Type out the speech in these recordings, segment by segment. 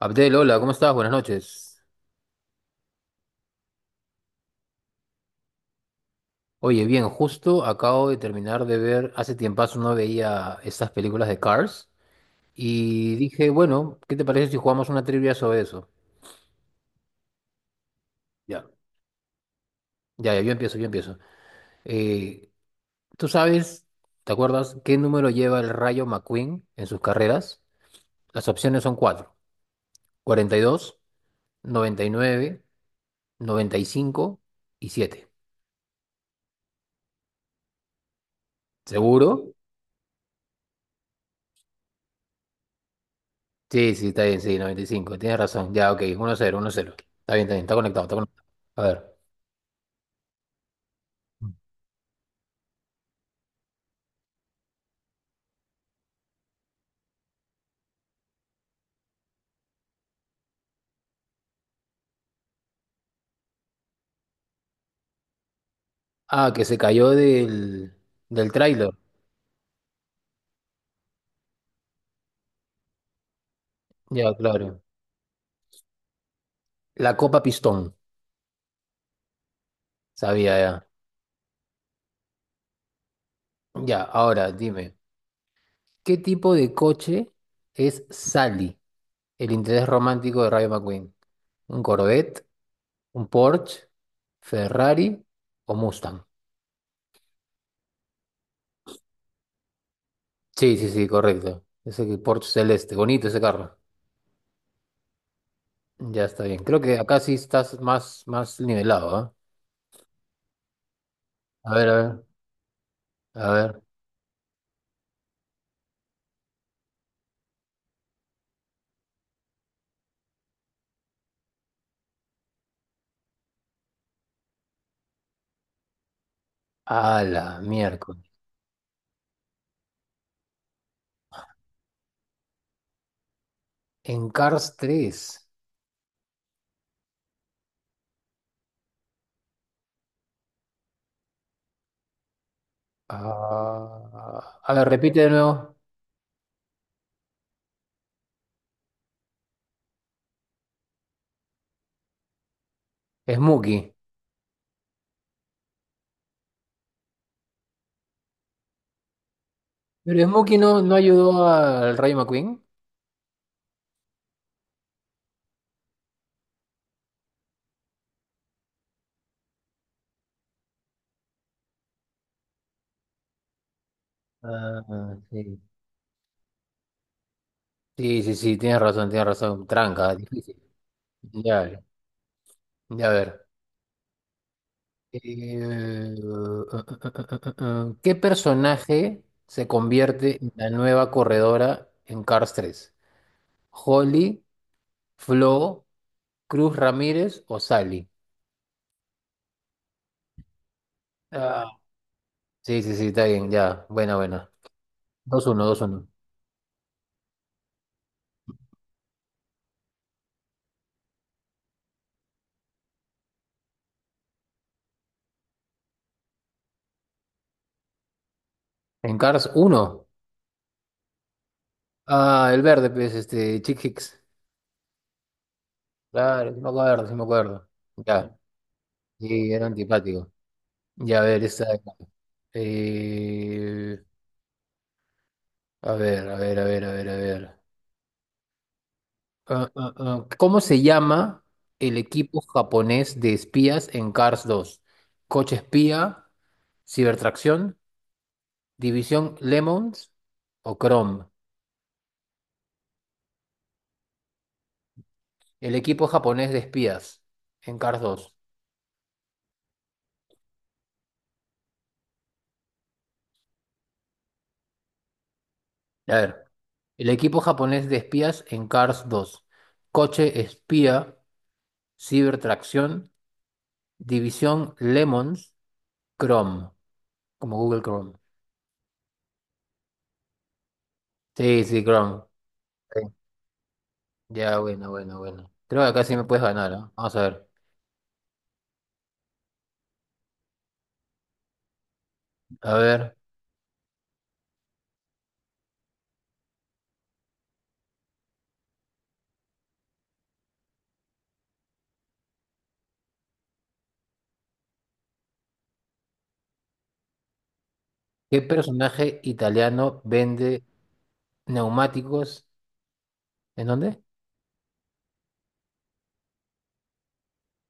Abdel, hola, ¿cómo estás? Buenas noches. Oye, bien, justo acabo de terminar de ver, hace tiempazo no veía estas películas de Cars y dije, bueno, ¿qué te parece si jugamos una trivia sobre eso? Ya. Ya, ya, yo empiezo, yo empiezo. Eh, ¿Tú sabes, te acuerdas, qué número lleva el Rayo McQueen en sus carreras? Las opciones son cuatro, 42, 99, noventa y cinco y siete. ¿Seguro? Sí, sí, está bien, sí, 95. Tienes razón. Ya, ok, 1-0, 1-0. Está bien, está bien, está conectado, está conectado. A ver. Ah, que se cayó del tráiler. Ya, claro. La Copa Pistón. Sabía ya. Ya, ahora dime, ¿qué tipo de coche es Sally, el interés romántico de Rayo McQueen? ¿Un Corvette, un Porsche, Ferrari o Mustang? Sí, sí, sí, correcto. Porsche celeste, bonito ese carro. Ya está bien. Creo que acá sí estás más nivelado, ¿ah? A ver, a ver, a ver. A la miércoles. En Cars tres. Ah, a ver, repite de nuevo. Smokey. Pero Smokey no, no ayudó al Rayo McQueen. Ah, sí. Sí, sí, sí, tienes razón, tienes razón. Tranca, difícil. Ya, ya a ver. Eh, ¿qué personaje se convierte en la nueva corredora en Cars 3? ¿Holly? Flo, Cruz Ramírez o Sally. Ah, sí, sí, sí, está bien, ya. Buena, buena. 2-1, 2-1. En Cars 1. Ah, el verde, pues, este, Chick Hicks. Claro, sí me acuerdo, sí me acuerdo. Ya. Sí, era antipático. Ya, a ver, esta. eh, a ver, a ver, a ver, a ver, a ver. ¿Cómo se llama el equipo japonés de espías en Cars 2? ¿Coche espía? ¿Cibertracción? División Lemons o Chrome. El equipo japonés de espías en Cars 2. A ver. El equipo japonés de espías en Cars 2. Coche espía, cibertracción, división Lemons, Chrome, como Google Chrome. Sí, sí, Chrome. Sí. Ya, bueno, bueno, bueno. Creo que acá sí me puedes ganar, ¿ah? Vamos a ver. A ver, ¿qué personaje italiano vende neumáticos? ¿En dónde?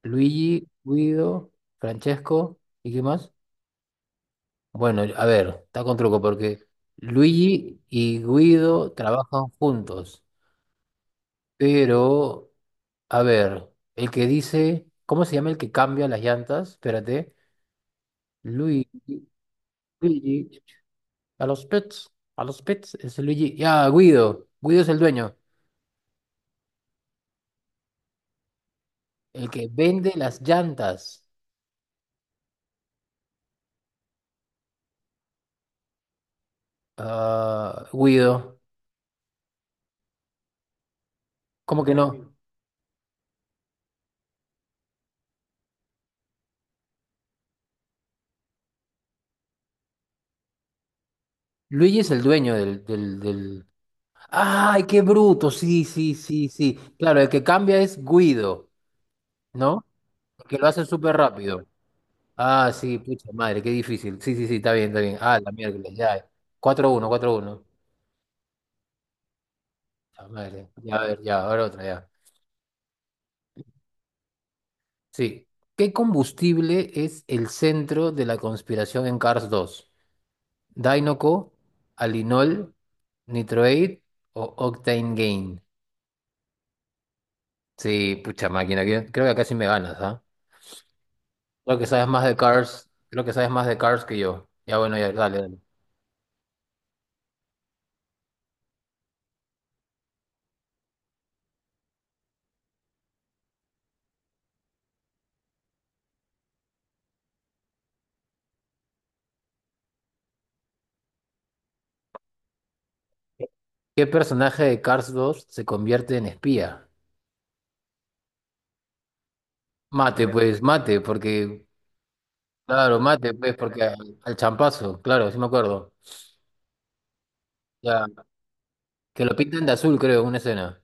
Luigi, Guido, Francesco, ¿y qué más? Bueno, a ver, está con truco porque Luigi y Guido trabajan juntos, pero, a ver, el que dice, ¿cómo se llama el que cambia las llantas? Espérate, Luigi, Luigi, a los pets, a los pets, es Luigi, ya, Guido, Guido es el dueño, el que vende las llantas. Ah, Guido, ¿cómo que no? Luigi es el dueño. Ay, qué bruto. Sí, sí, sí, sí. Claro, el que cambia es Guido, ¿no? El que lo hace súper rápido. Ah, sí, pucha madre, qué difícil. Sí, sí, sí, está bien, está bien. Ah, la miércoles, ya. 4-1, 4-1. Puta madre. Ya, a ver, ya, ahora otra, ya. Sí. ¿Qué combustible es el centro de la conspiración en Cars 2? ¿Dinoco, Alinol, Nitroate o Octane Gain? Sí, pucha máquina, creo que acá sí me ganas, ¿ah? Creo que sabes más de Cars, creo que sabes más de Cars que yo. Ya bueno, ya, dale, dale. ¿Qué personaje de Cars 2 se convierte en espía? Mate, pues, mate, porque, claro, mate, pues, porque al champazo, claro, sí me acuerdo. Ya, que lo pintan de azul, creo, en una escena.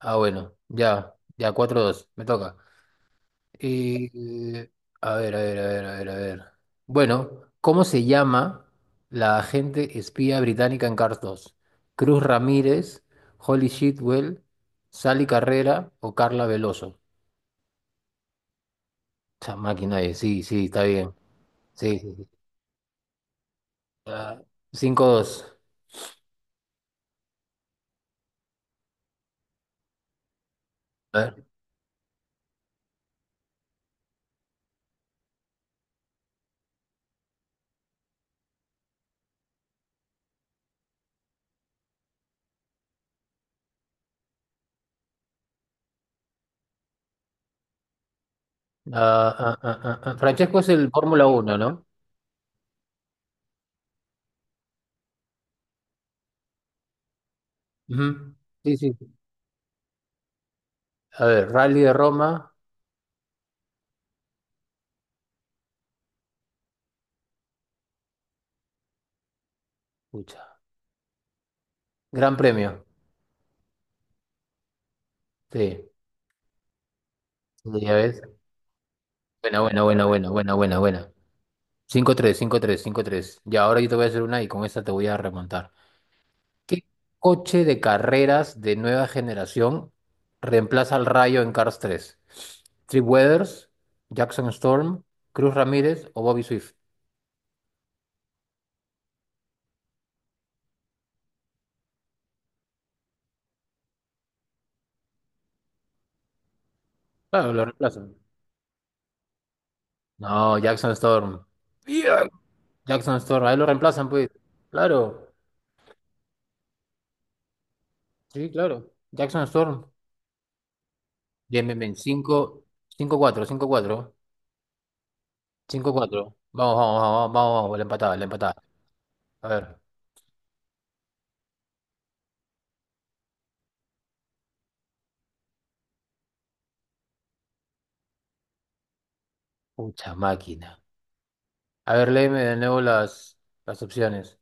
Ah, bueno, ya, ya, 4-2, me toca. Eh, a ver, a ver, a ver, a ver, a ver. Bueno, ¿cómo se llama la agente espía británica en Cars 2? ¿Cruz Ramírez, Holly Shitwell, Sally Carrera o Carla Veloso? Esa máquina es, sí, sí, está bien. Sí, sí, sí. Ah, 5-2. A ver. Ah. Francesco es el Fórmula 1, ¿no? Ujú. Sí, sí. Sí. A ver, Rally de Roma. Pucha. Gran premio. Sí. Sí, ya ves. Buena, buena, buena, buena, buena, buena, buena. 5-3, 5-3, 5-3. Y ahora yo te voy a hacer una y con esta te voy a remontar. ¿Qué coche de carreras de nueva generación reemplaza al Rayo en Cars 3? ¿Trip Weathers, Jackson Storm, Cruz Ramírez o Bobby Swift? Claro, lo reemplazan. No, Jackson Storm. Bien. Jackson Storm, ahí lo reemplazan, pues. Claro. Sí, claro. Jackson Storm. Bien, bien, bien. 5, 5-4, cinco cuatro, 5-4. Vamos, vamos, vamos, vamos, vamos, la empatada, la empatada. A ver. Pucha máquina. A ver, léeme de nuevo las opciones.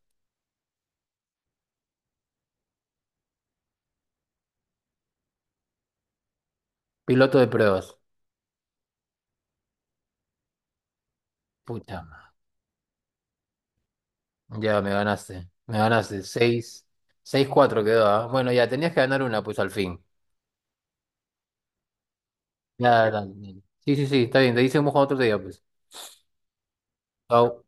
Piloto de pruebas. Pucha. Ya me ganaste. Me ganaste. Seis. 6-4 quedó, ¿ah? Bueno, ya tenías que ganar una, pues al fin. Ya, dale, dale. Sí, sí, sí, está bien. Te dice un otro día, pues. Chao.